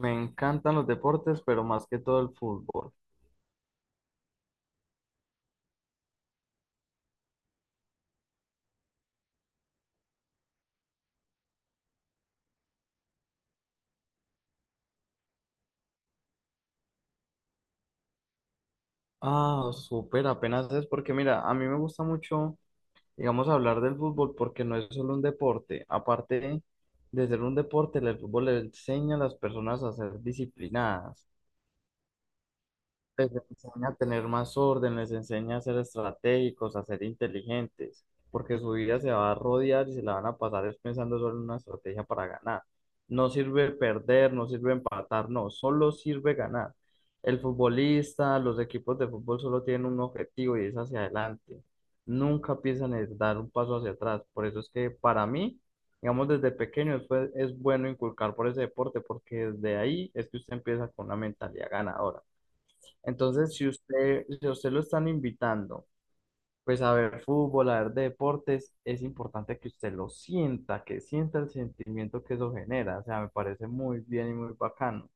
Me encantan los deportes, pero más que todo el fútbol. Ah, súper, apenas es porque mira, a mí me gusta mucho, digamos, hablar del fútbol porque no es solo un deporte. Aparte de ser un deporte, el fútbol le enseña a las personas a ser disciplinadas. Les enseña a tener más orden, les enseña a ser estratégicos, a ser inteligentes, porque su vida se va a rodear y se la van a pasar es pensando solo en una estrategia para ganar. No sirve perder, no sirve empatar, no, solo sirve ganar. El futbolista, los equipos de fútbol solo tienen un objetivo y es hacia adelante. Nunca piensan en dar un paso hacia atrás. Por eso es que para mí, digamos, desde pequeño es bueno inculcar por ese deporte, porque desde ahí es que usted empieza con una mentalidad ganadora. Entonces, si a usted lo están invitando, pues a ver fútbol, a ver deportes, es importante que usted lo sienta, que sienta el sentimiento que eso genera. O sea, me parece muy bien y muy bacano.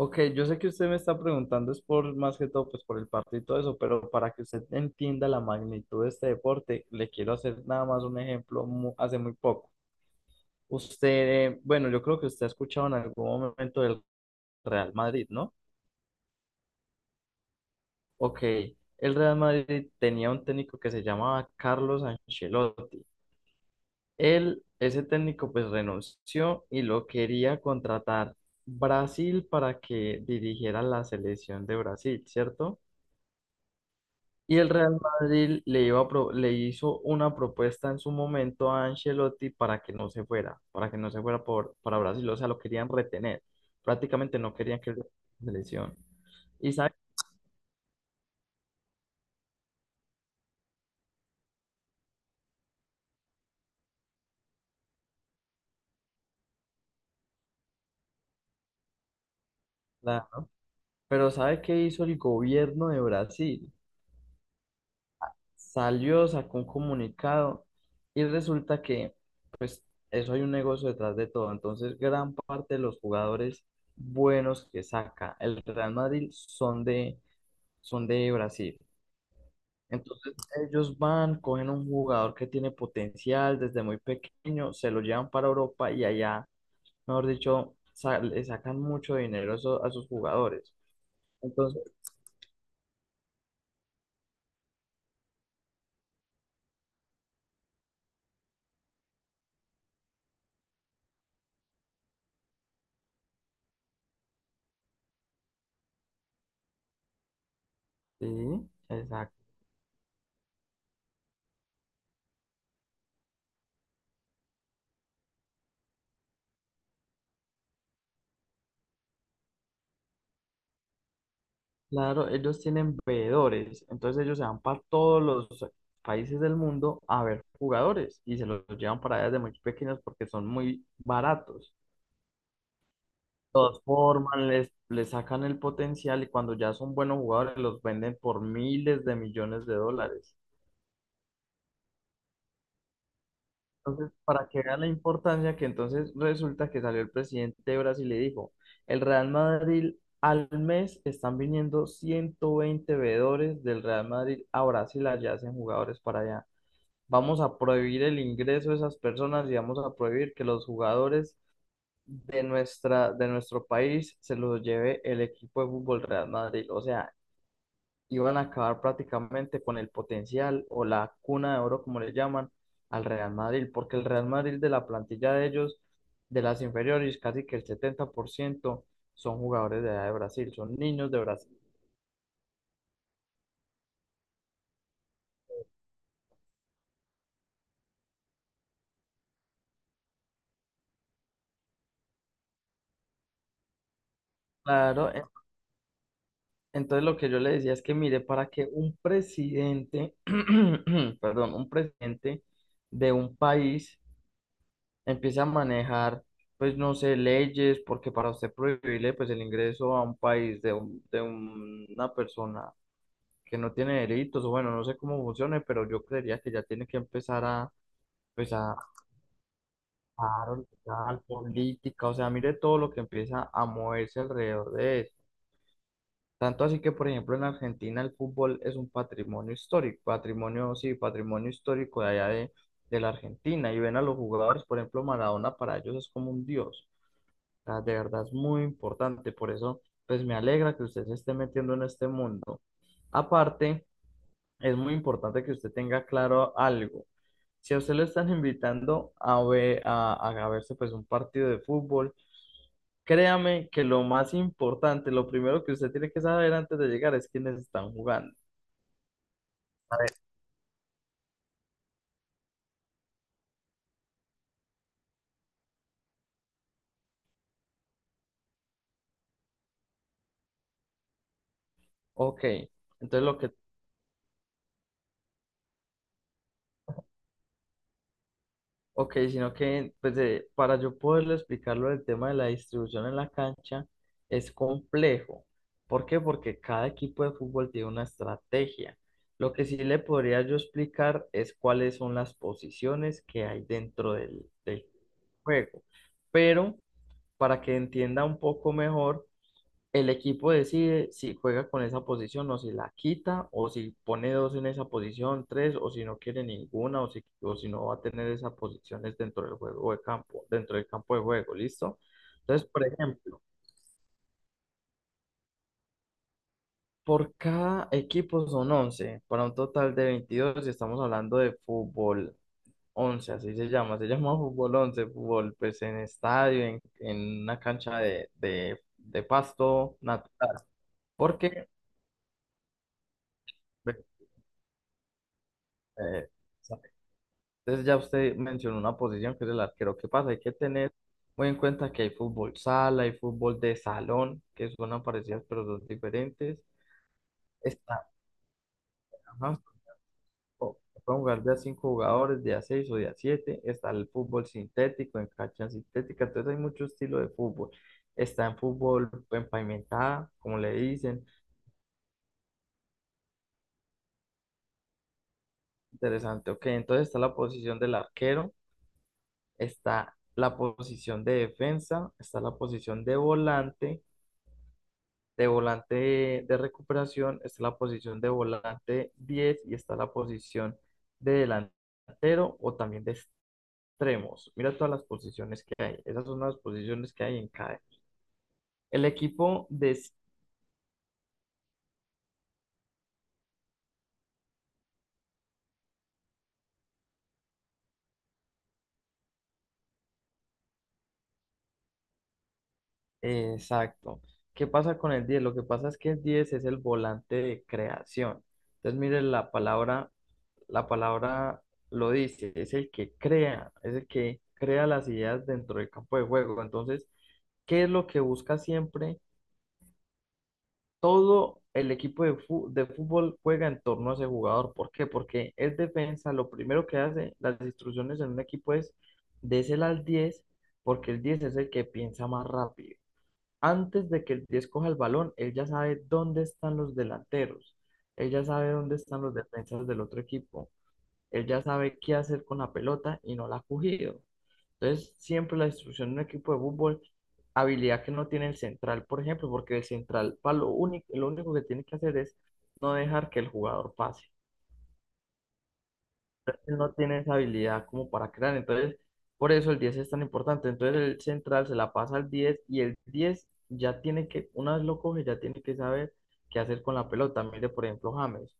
Ok, yo sé que usted me está preguntando, es por más que todo, pues por el partido y todo eso, pero para que usted entienda la magnitud de este deporte, le quiero hacer nada más un ejemplo hace muy poco. Usted, bueno, yo creo que usted ha escuchado en algún momento del Real Madrid, ¿no? Ok, el Real Madrid tenía un técnico que se llamaba Carlos Ancelotti. Él, ese técnico, pues renunció y lo quería contratar Brasil para que dirigiera la selección de Brasil, ¿cierto? Y el Real Madrid le hizo una propuesta en su momento a Ancelotti para que no se fuera, para que no se fuera por, para Brasil, o sea, lo querían retener. Prácticamente no querían que él fuera a la selección. Y sabe, la- pero ¿sabe qué hizo el gobierno de Brasil? Salió, sacó un comunicado y resulta que, pues, eso hay un negocio detrás de todo. Entonces, gran parte de los jugadores buenos que saca el Real Madrid son de Brasil. Entonces, ellos van, cogen un jugador que tiene potencial desde muy pequeño, se lo llevan para Europa y allá, mejor dicho, le sacan mucho dinero a sus jugadores. Entonces, sí, claro, ellos tienen veedores, entonces ellos se van para todos los países del mundo a ver jugadores y se los llevan para allá desde muy pequeños porque son muy baratos. Los forman, les sacan el potencial y cuando ya son buenos jugadores los venden por miles de millones de dólares. Entonces, para que vean la importancia, que entonces resulta que salió el presidente de Brasil y dijo, el Real Madrid al mes están viniendo 120 veedores del Real Madrid a Brasil, allá hacen jugadores para allá. Vamos a prohibir el ingreso de esas personas y vamos a prohibir que los jugadores de nuestro país se los lleve el equipo de fútbol Real Madrid. O sea, iban a acabar prácticamente con el potencial o la cuna de oro, como le llaman, al Real Madrid, porque el Real Madrid de la plantilla de ellos, de las inferiores, casi que el 70% son jugadores de edad de Brasil, son niños de Brasil. Claro, entonces lo que yo le decía es que mire, para que un presidente, perdón, un presidente de un país empiece a manejar, pues no sé, leyes, porque para usted prohibirle pues el ingreso a un país de una persona que no tiene delitos, o bueno, no sé cómo funcione, pero yo creería que ya tiene que empezar a, pues a dar política, o sea, mire todo lo que empieza a moverse alrededor de eso. Tanto así que, por ejemplo, en Argentina el fútbol es un patrimonio histórico, patrimonio, sí, patrimonio histórico de allá de la Argentina. Y ven a los jugadores, por ejemplo, Maradona para ellos es como un dios. O sea, de verdad es muy importante. Por eso, pues me alegra que usted se esté metiendo en este mundo. Aparte, es muy importante que usted tenga claro algo. Si a usted lo están invitando a ver, a verse pues un partido de fútbol, créame que lo más importante, lo primero que usted tiene que saber antes de llegar es quiénes están jugando. Ok, entonces lo que. Ok, sino que pues, para yo poderle explicarlo el tema de la distribución en la cancha es complejo. ¿Por qué? Porque cada equipo de fútbol tiene una estrategia. Lo que sí le podría yo explicar es cuáles son las posiciones que hay dentro del juego. Pero para que entienda un poco mejor, el equipo decide si juega con esa posición o si la quita o si pone dos en esa posición, tres o si no quiere ninguna o si no va a tener esas posiciones dentro del juego de campo, dentro del campo de juego, ¿listo? Entonces, por ejemplo, por cada equipo son 11 para un total de 22 y estamos hablando de fútbol 11, así se llama, se llama fútbol 11, fútbol pues en estadio, en una cancha de pasto natural, porque. Pues, eh, entonces ya usted mencionó una posición que es el arquero. ¿Qué pasa? Hay que tener muy en cuenta que hay fútbol sala, hay fútbol de salón, que son parecidas pero son diferentes. Está, ajá, o- pueden jugar de a cinco jugadores, de a seis o de a siete. Está el fútbol sintético, en cancha sintética. Entonces hay mucho estilo de fútbol. Está en fútbol en pavimentada, como le dicen. Interesante. Ok, entonces está la posición del arquero, está la posición de defensa, está la posición de volante. De volante de recuperación, está la posición de volante 10 y está la posición de delantero o también de extremos. Mira todas las posiciones que hay. Esas son las posiciones que hay en cada. El equipo de... exacto. ¿Qué pasa con el diez? Lo que pasa es que el 10 es el volante de creación. Entonces, mire, la palabra lo dice, es el que crea, es el que crea las ideas dentro del campo de juego. Entonces, ¿qué es lo que busca siempre? Todo el equipo de fútbol juega en torno a ese jugador. ¿Por qué? Porque es defensa, lo primero que hace las instrucciones en un equipo es des el al 10, porque el 10 es el que piensa más rápido. Antes de que el 10 coja el balón, él ya sabe dónde están los delanteros, él ya sabe dónde están los defensas del otro equipo. Él ya sabe qué hacer con la pelota y no la ha cogido. Entonces, siempre la instrucción de un equipo de fútbol, habilidad que no tiene el central, por ejemplo, porque el central, para lo único que tiene que hacer es no dejar que el jugador pase, él no tiene esa habilidad como para crear. Entonces, por eso el 10 es tan importante. Entonces, el central se la pasa al 10 y el 10 ya tiene que, una vez lo coge, ya tiene que saber qué hacer con la pelota. Mire, por ejemplo, James.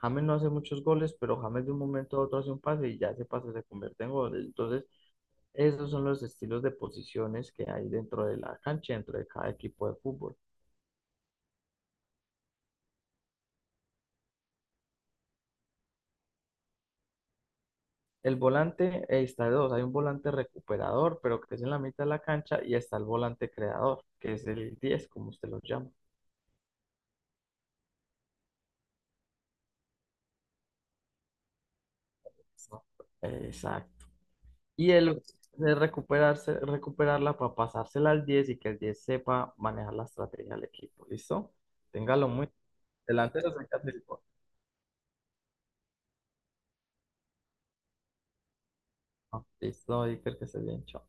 James no hace muchos goles, pero James de un momento a otro hace un pase y ya ese pase se convierte en gol. Entonces, esos son los estilos de posiciones que hay dentro de la cancha, dentro de cada equipo de fútbol. El volante, está de dos, hay un volante recuperador, pero que es en la mitad de la cancha, y está el volante creador, que es el diez como usted lo llama. No. Exacto. Y el de recuperarse, recuperarla para pasársela al 10 y que el 10 sepa manejar la estrategia del equipo. ¿Listo? Téngalo muy delantero, se queda así, ah, listo, Iker, que se bien, chao.